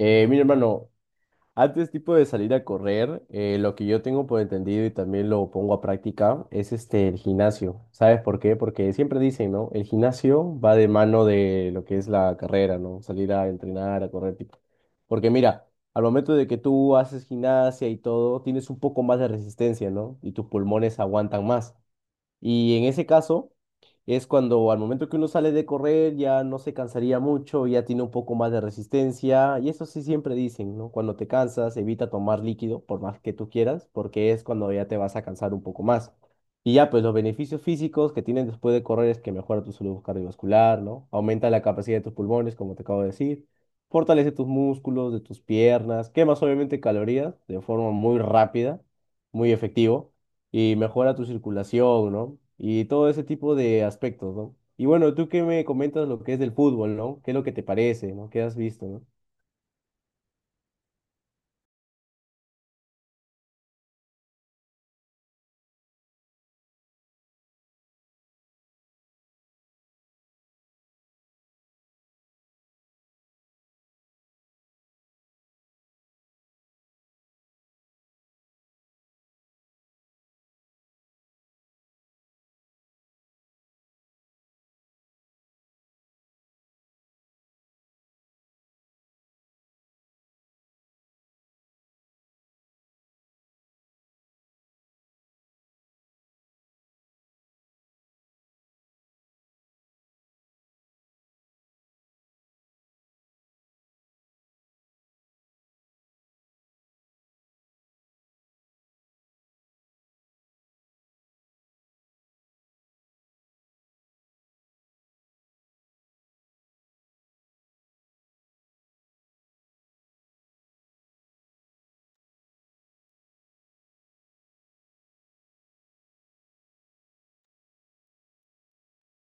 Mi hermano, antes tipo de salir a correr, lo que yo tengo por entendido y también lo pongo a práctica es el gimnasio. ¿Sabes por qué? Porque siempre dicen, ¿no? El gimnasio va de mano de lo que es la carrera, ¿no? Salir a entrenar, a correr, tipo. Porque mira, al momento de que tú haces gimnasia y todo, tienes un poco más de resistencia, ¿no? Y tus pulmones aguantan más. Y en ese caso es cuando al momento que uno sale de correr ya no se cansaría mucho, ya tiene un poco más de resistencia, y eso sí siempre dicen, ¿no? Cuando te cansas, evita tomar líquido por más que tú quieras, porque es cuando ya te vas a cansar un poco más. Y ya, pues los beneficios físicos que tienen después de correr es que mejora tu salud cardiovascular, ¿no? Aumenta la capacidad de tus pulmones, como te acabo de decir. Fortalece tus músculos, de tus piernas, quemas obviamente calorías de forma muy rápida, muy efectivo y mejora tu circulación, ¿no? Y todo ese tipo de aspectos, ¿no? Y bueno, tú que me comentas lo que es del fútbol, ¿no? ¿Qué es lo que te parece, no? ¿Qué has visto, no?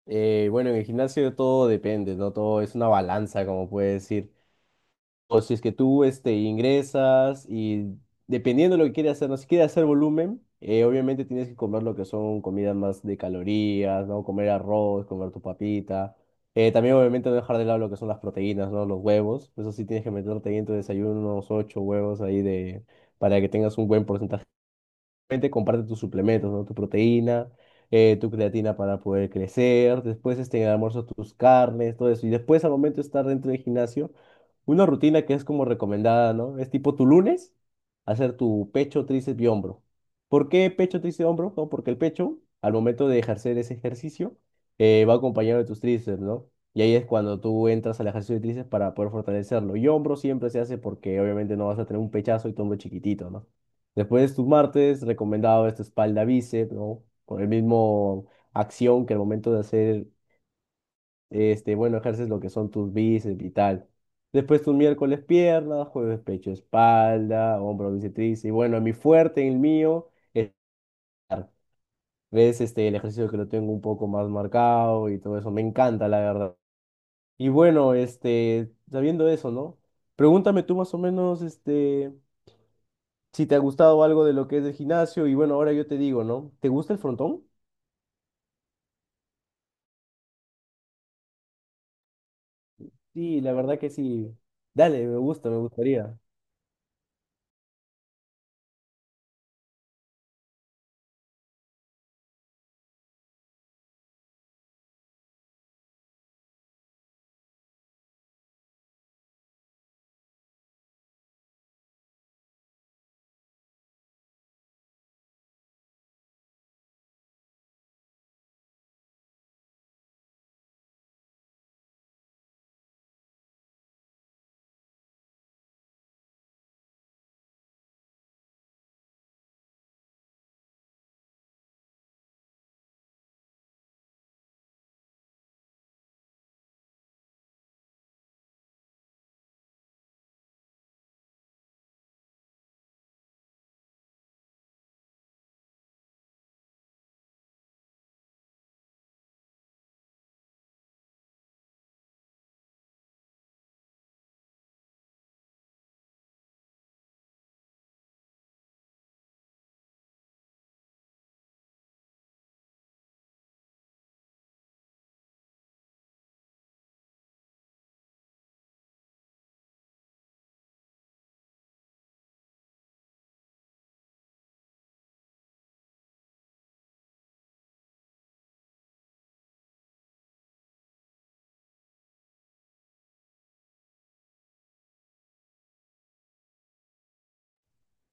Bueno, en el gimnasio todo depende, ¿no? Todo es una balanza, como puede decir. O si es que tú ingresas y dependiendo de lo que quieras hacer, no si quieres hacer volumen, obviamente tienes que comer lo que son comidas más de calorías, ¿no? Comer arroz, comer tu papita. También obviamente no dejar de lado lo que son las proteínas, ¿no? Los huevos. Eso sí tienes que meterte ahí en tu desayuno unos ocho huevos ahí de, para que tengas un buen porcentaje. Obviamente comparte tus suplementos, ¿no? Tu proteína, tu creatina para poder crecer, después en el almuerzo tus carnes, todo eso. Y después al momento de estar dentro del gimnasio, una rutina que es como recomendada, ¿no? Es tipo tu lunes, hacer tu pecho, tríceps y hombro. ¿Por qué pecho, tríceps y hombro? No, porque el pecho, al momento de ejercer ese ejercicio, va acompañado de tus tríceps, ¿no? Y ahí es cuando tú entras al ejercicio de tríceps para poder fortalecerlo. Y hombro siempre se hace porque obviamente no vas a tener un pechazo y tu hombro chiquitito, ¿no? Después tus martes, recomendado esta espalda bíceps, ¿no? Con el mismo acción que el momento de hacer, bueno, ejerces lo que son tus bíceps y tal. Después tus miércoles piernas, jueves pecho, espalda, hombro, bíceps, tríceps. Y bueno, mi fuerte, el mío, es bar. Ves el ejercicio que lo tengo un poco más marcado y todo eso. Me encanta, la verdad. Y bueno, sabiendo eso, ¿no? Pregúntame tú más o menos, si te ha gustado algo de lo que es el gimnasio y bueno, ahora yo te digo, ¿no? ¿Te gusta el frontón? Sí, la verdad que sí. Dale, me gusta, me gustaría.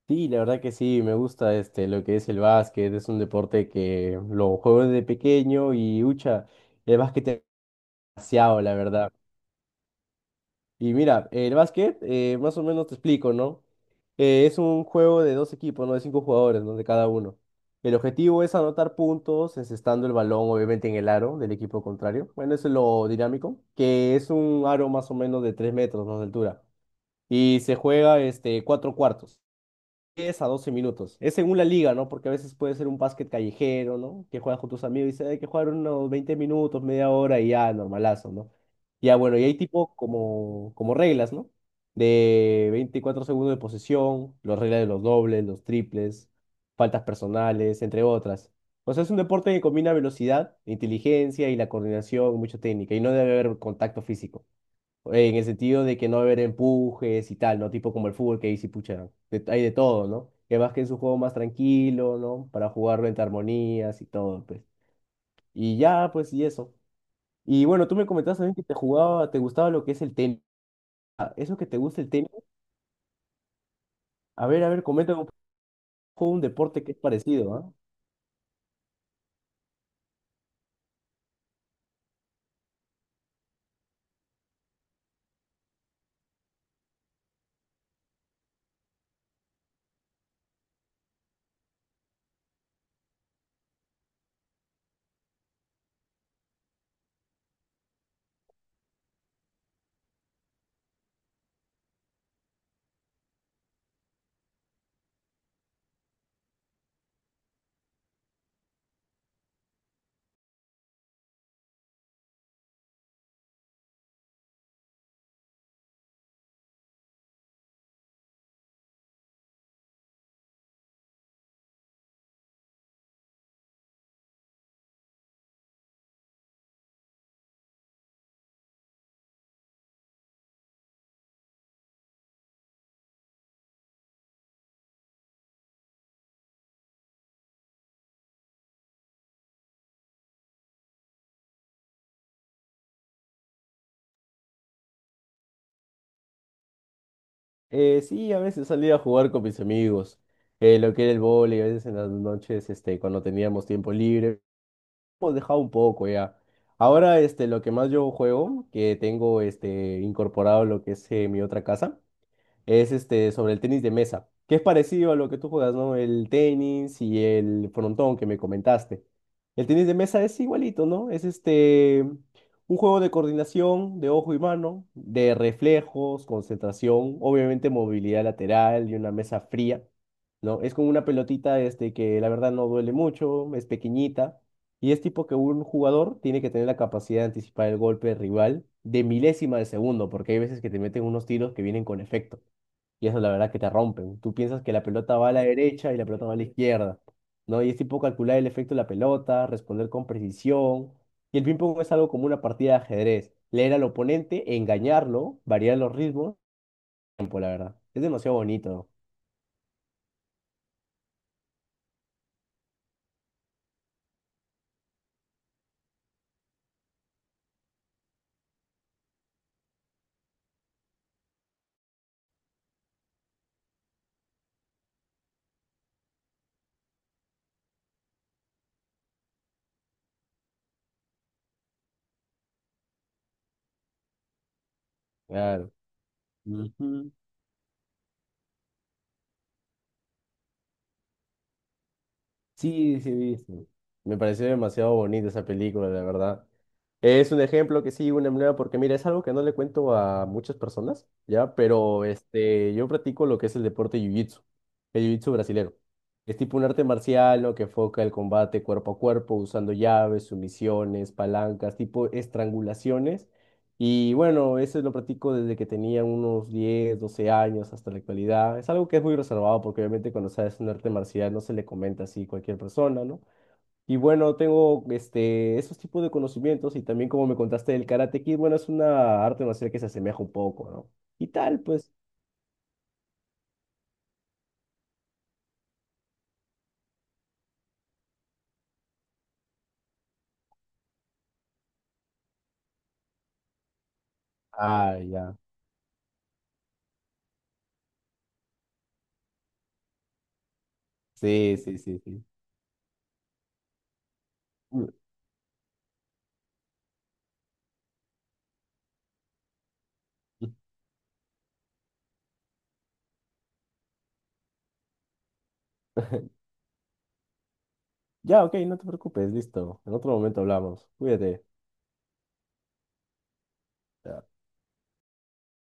Sí, la verdad que sí, me gusta lo que es el básquet, es un deporte que lo juego desde pequeño y ucha, el básquet es demasiado, la verdad. Y mira, el básquet, más o menos te explico, ¿no? Es un juego de dos equipos, ¿no? De cinco jugadores, ¿no? De cada uno. El objetivo es anotar puntos, encestando el balón, obviamente, en el aro del equipo contrario. Bueno, eso es lo dinámico, que es un aro más o menos de 3 metros, ¿no? De altura. Y se juega, cuatro cuartos 10 a 12 minutos. Es según la liga, ¿no? Porque a veces puede ser un básquet callejero, ¿no? Que juegas con tus amigos y dices, hay que jugar unos 20 minutos, media hora y ya, normalazo, ¿no? Ya, bueno, y hay tipo como, como reglas, ¿no? De 24 segundos de posesión, las reglas de los dobles, los triples, faltas personales, entre otras. O sea, es un deporte que combina velocidad, inteligencia y la coordinación, mucha técnica, y no debe haber contacto físico en el sentido de que no va a haber empujes y tal, ¿no? Tipo como el fútbol que dice, pucha, hay de todo, ¿no? Que más que es un juego más tranquilo, ¿no? Para jugarlo entre armonías y todo, pues. Y ya, pues, y eso. Y bueno, tú me comentabas también que te jugaba, te gustaba lo que es el tenis. Ah, eso que te gusta el tenis, a ver, comenta un poco un deporte que es parecido, ¿ah? Sí, a veces salía a jugar con mis amigos, lo que era el vóley, a veces en las noches, cuando teníamos tiempo libre. Hemos dejado un poco ya. Ahora, lo que más yo juego, que tengo, incorporado lo que es mi otra casa es sobre el tenis de mesa, que es parecido a lo que tú juegas, ¿no? El tenis y el frontón que me comentaste. El tenis de mesa es igualito, ¿no? Es un juego de coordinación de ojo y mano, de reflejos, concentración, obviamente movilidad lateral y una mesa fría, ¿no? Es con una pelotita que la verdad no duele mucho, es pequeñita. Y es tipo que un jugador tiene que tener la capacidad de anticipar el golpe del rival de milésima de segundo, porque hay veces que te meten unos tiros que vienen con efecto. Y eso la verdad que te rompen. Tú piensas que la pelota va a la derecha y la pelota va a la izquierda, ¿no? Y es tipo calcular el efecto de la pelota, responder con precisión. Y el ping-pong es algo como una partida de ajedrez. Leer al oponente, engañarlo, variar los ritmos, tiempo, la verdad. Es demasiado bonito. Claro. Ujú. Sí, sí, he visto. Me pareció demasiado bonita esa película, la verdad. Es un ejemplo que sí, una manera, porque mira, es algo que no le cuento a muchas personas, ¿ya? Pero yo practico lo que es el deporte jiu-jitsu, el jiu-jitsu brasilero. Es tipo un arte marcial, ¿no? Que enfoca el combate cuerpo a cuerpo, usando llaves, sumisiones, palancas, tipo estrangulaciones y bueno, eso lo practico desde que tenía unos 10 12 años hasta la actualidad. Es algo que es muy reservado porque obviamente cuando sabes un arte marcial no se le comenta así a cualquier persona, ¿no? Y bueno, tengo esos tipos de conocimientos y también como me contaste del Karate Kid, bueno, es una arte marcial que se asemeja un poco, ¿no? Y tal, pues. Ah, ya. Sí, sí, sí, sí. Mm. Ya, ok, no te preocupes, listo. En otro momento hablamos. Cuídate. Ya.